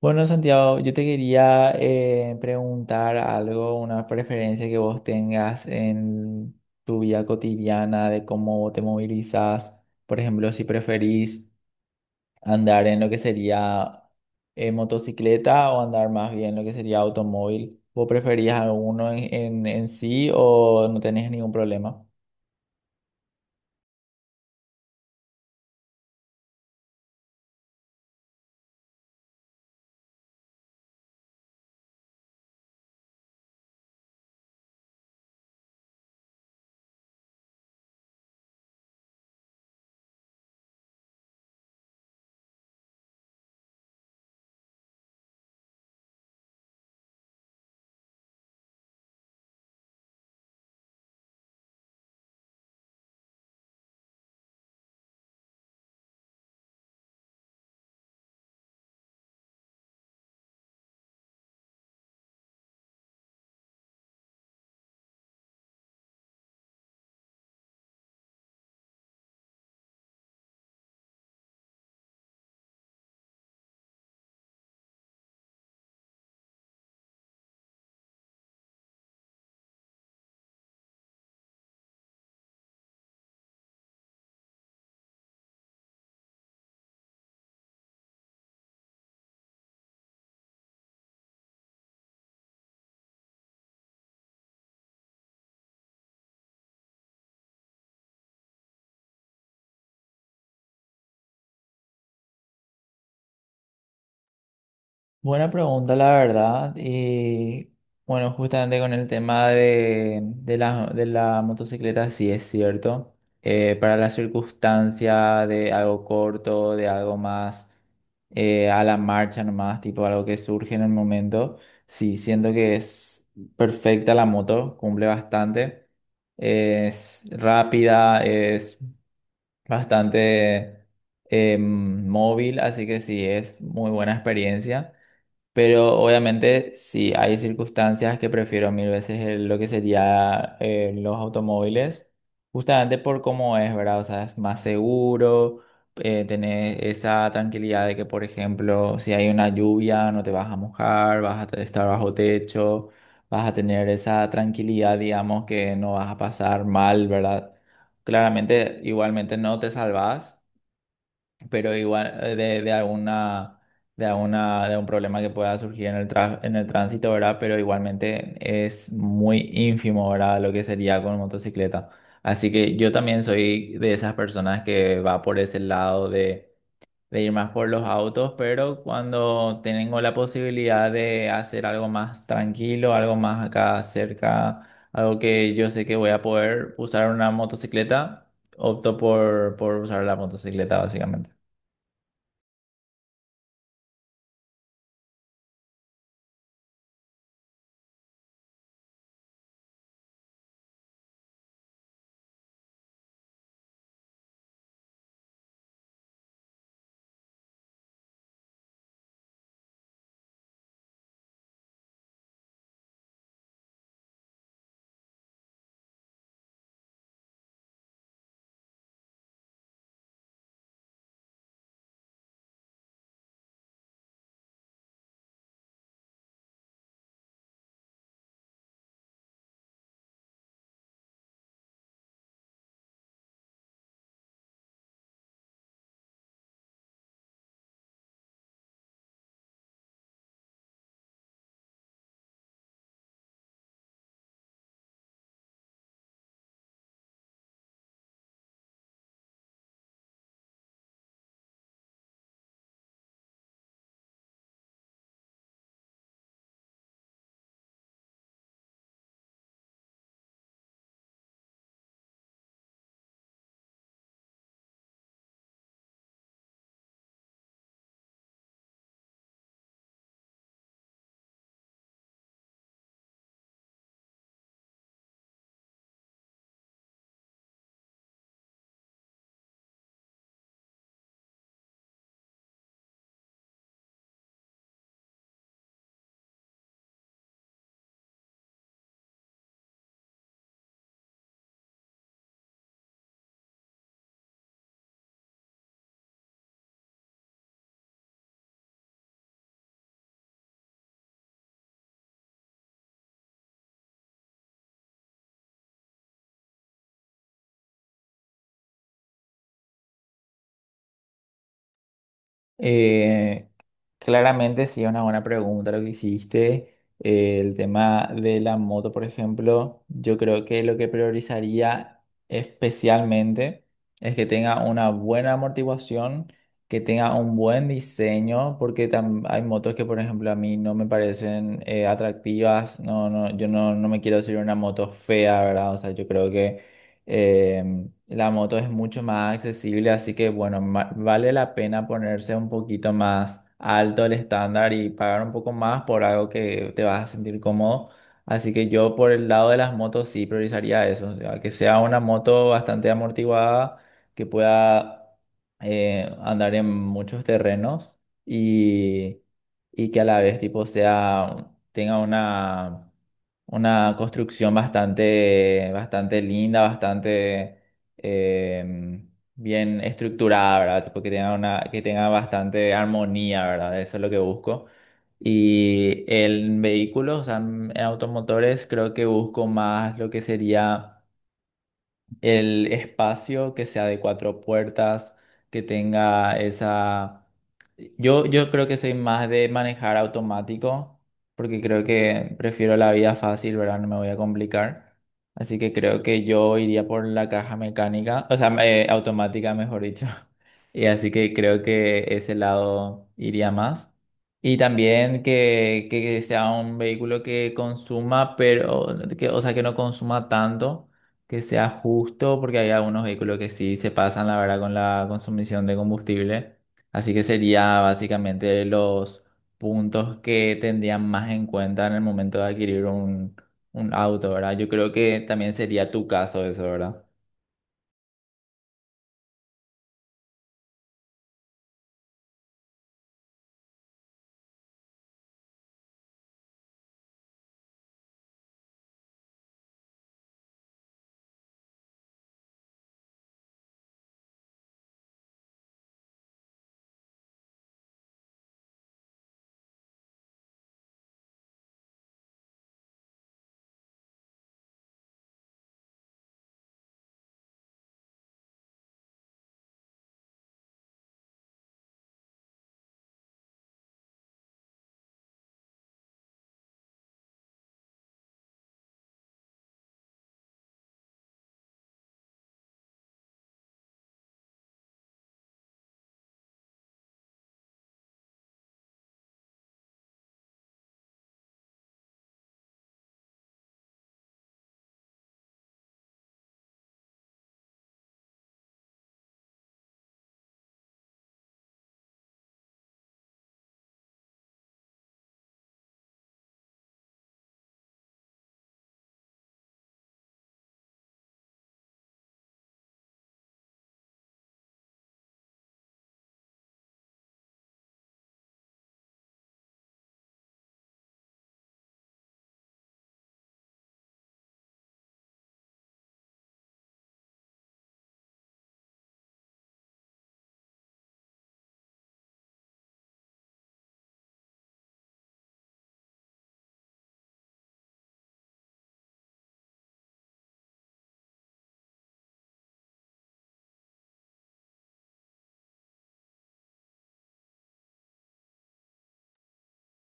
Bueno, Santiago, yo te quería preguntar algo, una preferencia que vos tengas en tu vida cotidiana de cómo te movilizás. Por ejemplo, si preferís andar en lo que sería motocicleta o andar más bien lo que sería automóvil. ¿Vos preferís alguno en, en sí o no tenés ningún problema? Buena pregunta, la verdad. Y bueno, justamente con el tema de la motocicleta, sí es cierto. Para la circunstancia de algo corto, de algo más a la marcha nomás, tipo algo que surge en el momento, sí, siento que es perfecta la moto, cumple bastante. Es rápida, es bastante móvil, así que sí, es muy buena experiencia. Pero obviamente sí hay circunstancias que prefiero mil veces lo que sería los automóviles, justamente por cómo es, ¿verdad? O sea, es más seguro, tenés esa tranquilidad de que, por ejemplo, si hay una lluvia, no te vas a mojar, vas a estar bajo techo, vas a tener esa tranquilidad, digamos, que no vas a pasar mal, ¿verdad? Claramente, igualmente no te salvas, pero igual de, de alguna de un problema que pueda surgir en el en el tránsito, ¿verdad? Pero igualmente es muy ínfimo, ¿verdad? Lo que sería con motocicleta. Así que yo también soy de esas personas que va por ese lado de ir más por los autos, pero cuando tengo la posibilidad de hacer algo más tranquilo, algo más acá cerca, algo que yo sé que voy a poder usar una motocicleta, opto por usar la motocicleta básicamente. Eh, Claramente sí es una buena pregunta lo que hiciste. El tema de la moto, por ejemplo, yo creo que lo que priorizaría especialmente es que tenga una buena amortiguación, que tenga un buen diseño, porque hay motos que, por ejemplo, a mí no me parecen atractivas. No, no, yo no, no me quiero subir a una moto fea, ¿verdad? O sea, yo creo que eh, la moto es mucho más accesible, así que bueno, vale la pena ponerse un poquito más alto el estándar y pagar un poco más por algo que te vas a sentir cómodo. Así que yo por el lado de las motos sí priorizaría eso, o sea, que sea una moto bastante amortiguada, que pueda andar en muchos terrenos y, y que a la vez tipo sea, tenga una construcción bastante, bastante linda, bastante bien estructurada, ¿verdad? Tipo que tenga una, que tenga bastante armonía, ¿verdad? Eso es lo que busco. Y en vehículos, o sea, en automotores, creo que busco más lo que sería el espacio que sea de cuatro puertas, que tenga esa... Yo creo que soy más de manejar automático, porque creo que prefiero la vida fácil, ¿verdad? No me voy a complicar. Así que creo que yo iría por la caja mecánica, o sea, automática, mejor dicho. Y así que creo que ese lado iría más. Y también que sea un vehículo que consuma, pero, que, o sea, que no consuma tanto, que sea justo, porque hay algunos vehículos que sí se pasan, la verdad, con la consumición de combustible. Así que sería básicamente los puntos que tendrían más en cuenta en el momento de adquirir un auto, ¿verdad? Yo creo que también sería tu caso eso, ¿verdad?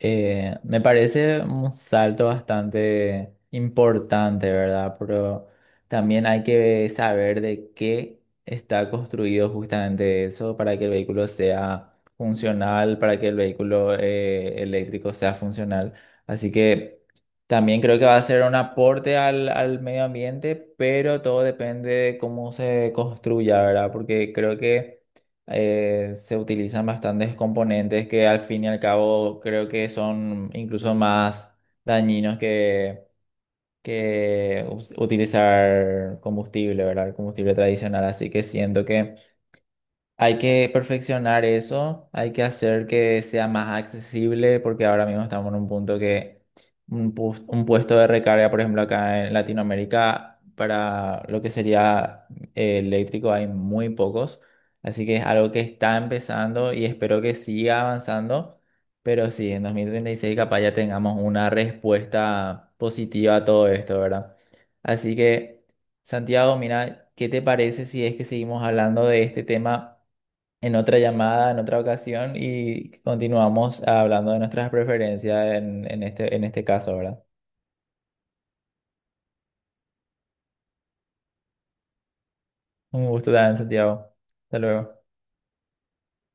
Me parece un salto bastante importante, ¿verdad? Pero también hay que saber de qué está construido justamente eso para que el vehículo sea funcional, para que el vehículo eléctrico sea funcional. Así que también creo que va a ser un aporte al, al medio ambiente, pero todo depende de cómo se construya, ¿verdad? Porque creo que se utilizan bastantes componentes que al fin y al cabo creo que son incluso más dañinos que utilizar combustible, ¿verdad? El combustible tradicional. Así que siento que hay que perfeccionar eso, hay que hacer que sea más accesible porque ahora mismo estamos en un punto que un puesto de recarga, por ejemplo, acá en Latinoamérica, para lo que sería eléctrico hay muy pocos, así que es algo que está empezando y espero que siga avanzando, pero sí, en 2036 capaz ya tengamos una respuesta positiva a todo esto, ¿verdad? Así que, Santiago, mira, ¿qué te parece si es que seguimos hablando de este tema en otra llamada, en otra ocasión y continuamos hablando de nuestras preferencias en este caso, ¿verdad? Un gusto también, Santiago. Hasta luego.